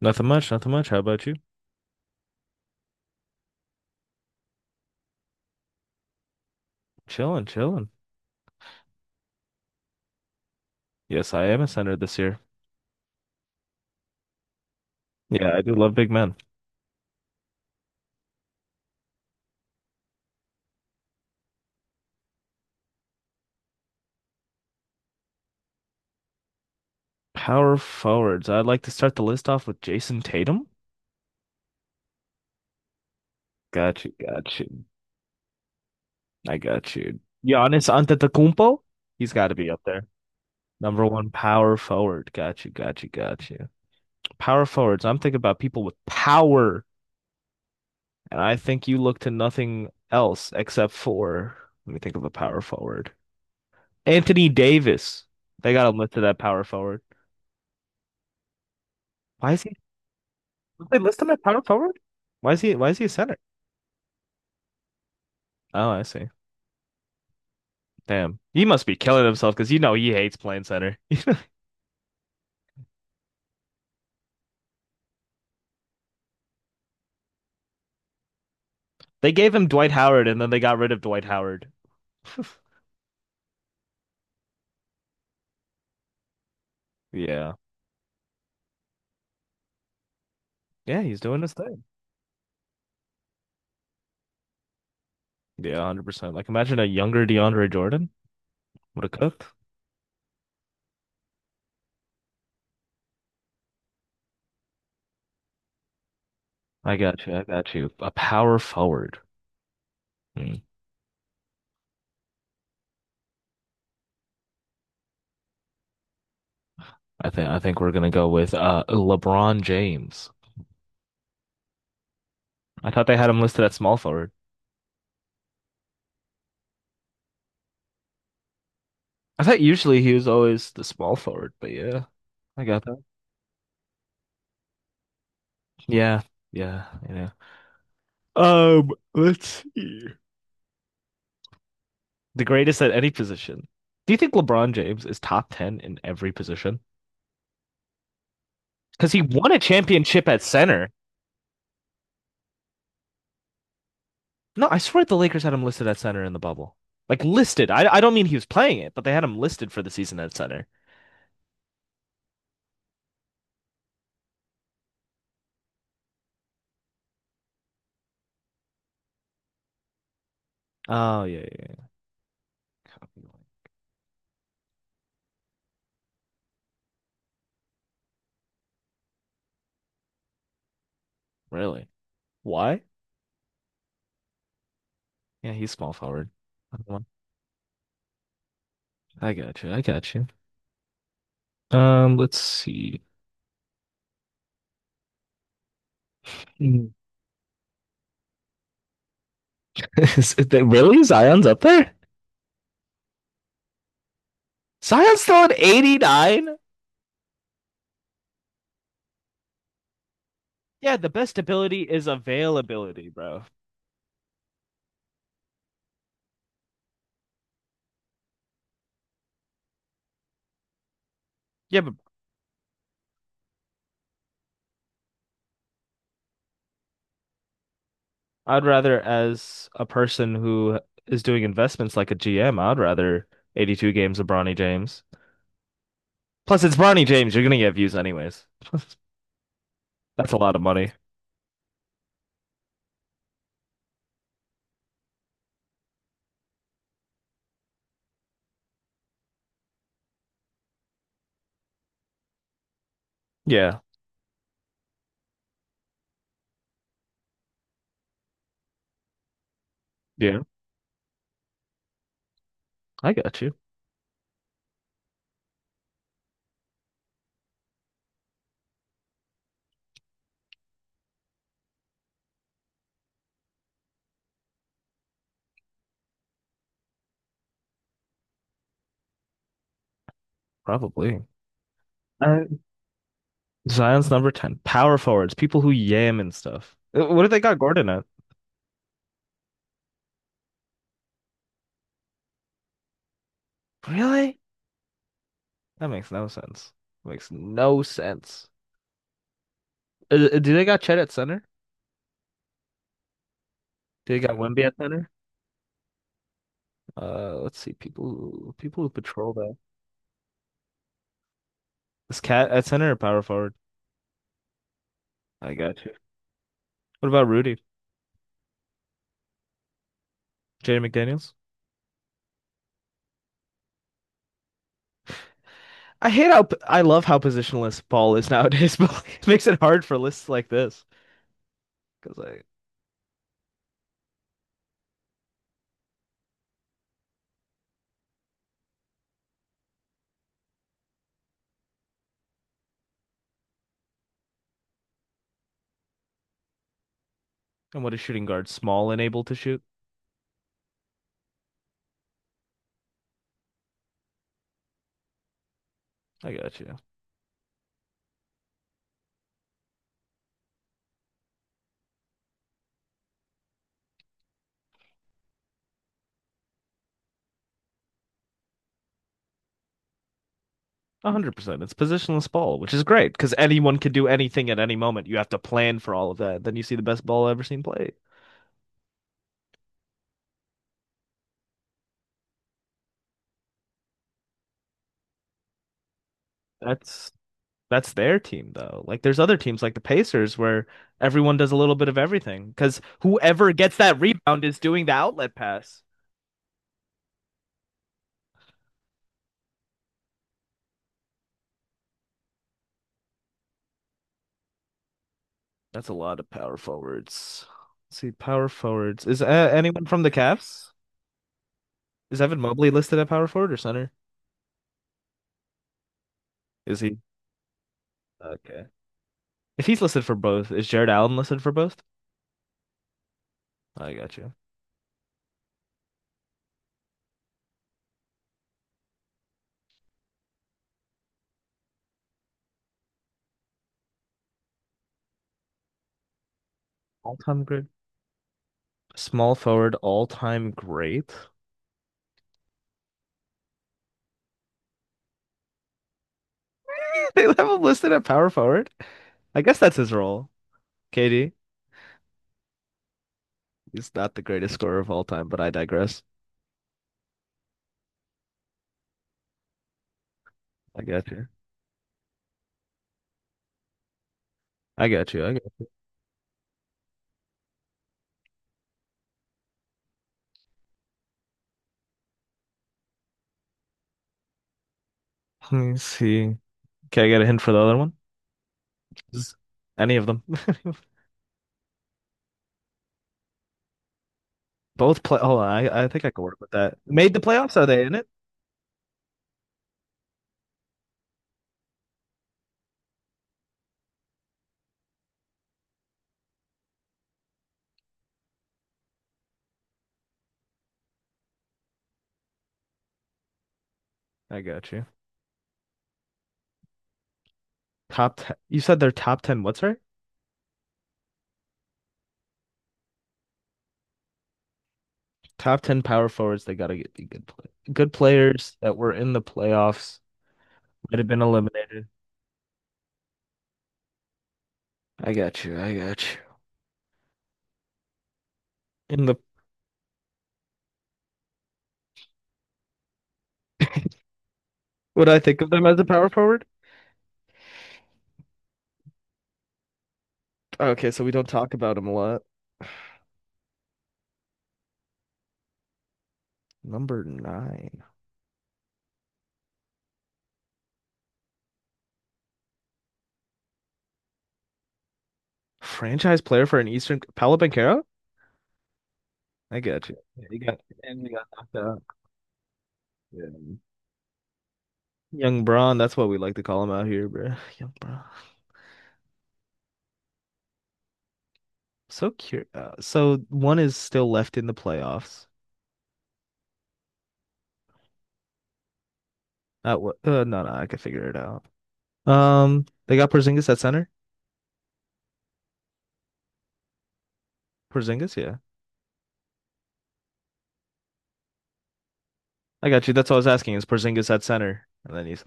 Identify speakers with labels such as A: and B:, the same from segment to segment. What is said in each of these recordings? A: Nothing much, nothing much. How about you? Chilling, chilling. Yes, I am a center this year. Yeah, I do love big men. Power forwards. I'd like to start the list off with Jason Tatum. Got you, got you. I got you. Giannis Antetokounmpo. He's got to be up there. Number one power forward. Got you, got you, got you. Power forwards. I'm thinking about people with power, and I think you look to nothing else except for. Let me think of a power forward. Anthony Davis. They got him listed at power forward. Why is he? Did they list him at power forward? Why is he a center? Oh, I see. Damn. He must be killing himself because you know he hates playing center. They gave him Dwight Howard and then they got rid of Dwight Howard. Yeah. Yeah, he's doing his thing. Yeah, 100%. Like imagine a younger DeAndre Jordan would have cooked. I got you. I got you. A power forward. Hmm. I think we're gonna go with LeBron James. I thought they had him listed at small forward. I thought usually he was always the small forward, but yeah, I got that. Yeah, yeah, yeah. Let's see. The greatest at any position. Do you think LeBron James is top 10 in every position? Because he won a championship at center. No, I swear the Lakers had him listed at center in the bubble. Like listed. I don't mean he was playing it, but they had him listed for the season at center. Oh, yeah, yeah, yeah. Really? Why? Yeah, he's small forward. I got you. I got you. Let's see. Really? Zion's up there? Zion's still at 89? Yeah, the best ability is availability, bro. Yeah, but I'd rather, as a person who is doing investments like a GM, I'd rather 82 games of Bronny James. Plus, it's Bronny James. You're gonna get views anyways. That's a lot of money. Yeah, yeah, I got you. Probably. Uh, Zion's number 10. Power forwards, people who yam and stuff. What do they got Gordon at? Really? That makes no sense. Makes no sense. Do they got Chet at center? Do they got Wemby at center? Let's see. People who patrol that. This cat at center or power forward? I got you. What about Rudy? Jaden McDaniels? I love how positionless ball is nowadays, but like, it makes it hard for lists like this. Because I and what is shooting guard small and able to shoot? I got you. 100%. It's positionless ball, which is great because anyone can do anything at any moment. You have to plan for all of that. Then you see the best ball I've ever seen played. That's that's their team though. Like there's other teams like the Pacers where everyone does a little bit of everything because whoever gets that rebound is doing the outlet pass. That's a lot of power forwards. Let's see, power forwards. Is anyone from the Cavs? Is Evan Mobley listed at power forward or center? Is he? Okay. If he's listed for both, is Jared Allen listed for both? I got you. All-time great. Small forward, all-time great. They have him listed at power forward. I guess that's his role. KD. He's not the greatest scorer of all time, but I digress. I got you. I got you. I got. Let me see. Can I get a hint for the other one? Just any of them. Both play. Hold on, I think I can work with that. Made the playoffs? Are they in it? I got you. Top ten. You said they're top ten. What's right? Top ten power forwards. They gotta get be good play. Good players that were in the playoffs might have been eliminated. I got you. I got you. In the. Would I think of them as a power forward? Okay, so we don't talk about them a lot. Number nine. Franchise player for an Eastern. Paolo Banchero? I got you. Yeah, he got and he got knocked out. Yeah. Young Braun, that's what we like to call him out here, bro. Young Braun. So curious. So one is still left in the playoffs. No, no, I can figure it out. They got Porzingis at center. Porzingis, yeah, I got you. That's all I was asking is Porzingis at center, and then he's.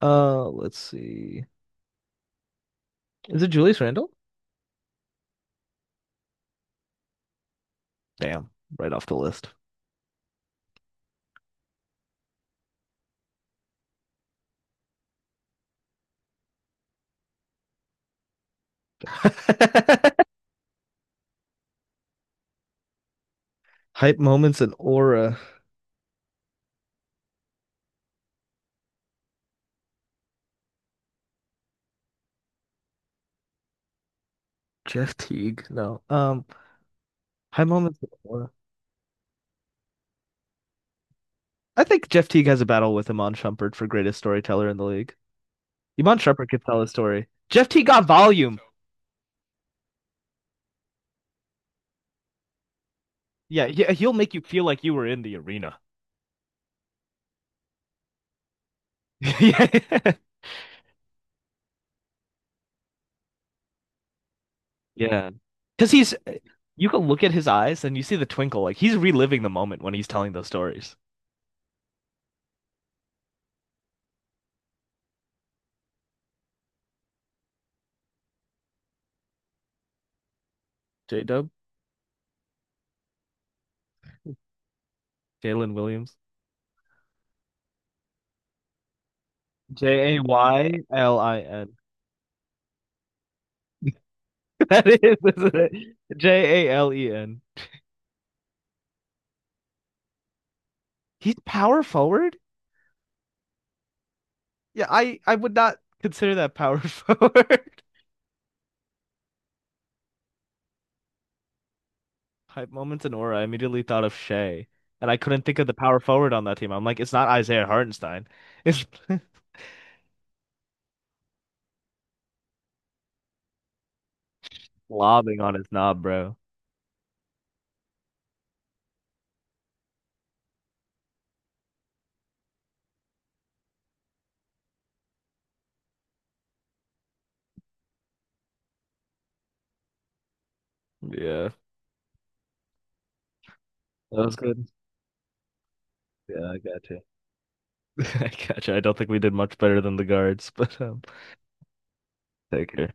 A: Let's see. Is it Julius Randle? Damn, right off the list. Hype moments and aura. Jeff Teague. No. High moments of Aurora. I think Jeff Teague has a battle with Iman Shumpert for greatest storyteller in the league. Iman Shumpert could tell a story. Jeff Teague got volume. Yeah, yeah, he'll make you feel like you were in the arena. Yeah, yeah, because he's. You can look at his eyes and you see the twinkle. Like he's reliving the moment when he's telling those stories. J Dub, Jalen Williams, Jaylin. That is, isn't it? Jalen. He's power forward. Yeah, I would not consider that power forward. Hype moments and aura. I immediately thought of Shea, and I couldn't think of the power forward on that team. I'm like, it's not Isaiah Hartenstein. It's lobbing on his knob, bro. Yeah, that was good. Yeah, I got you. I got you. I don't think we did much better than the guards, but take care.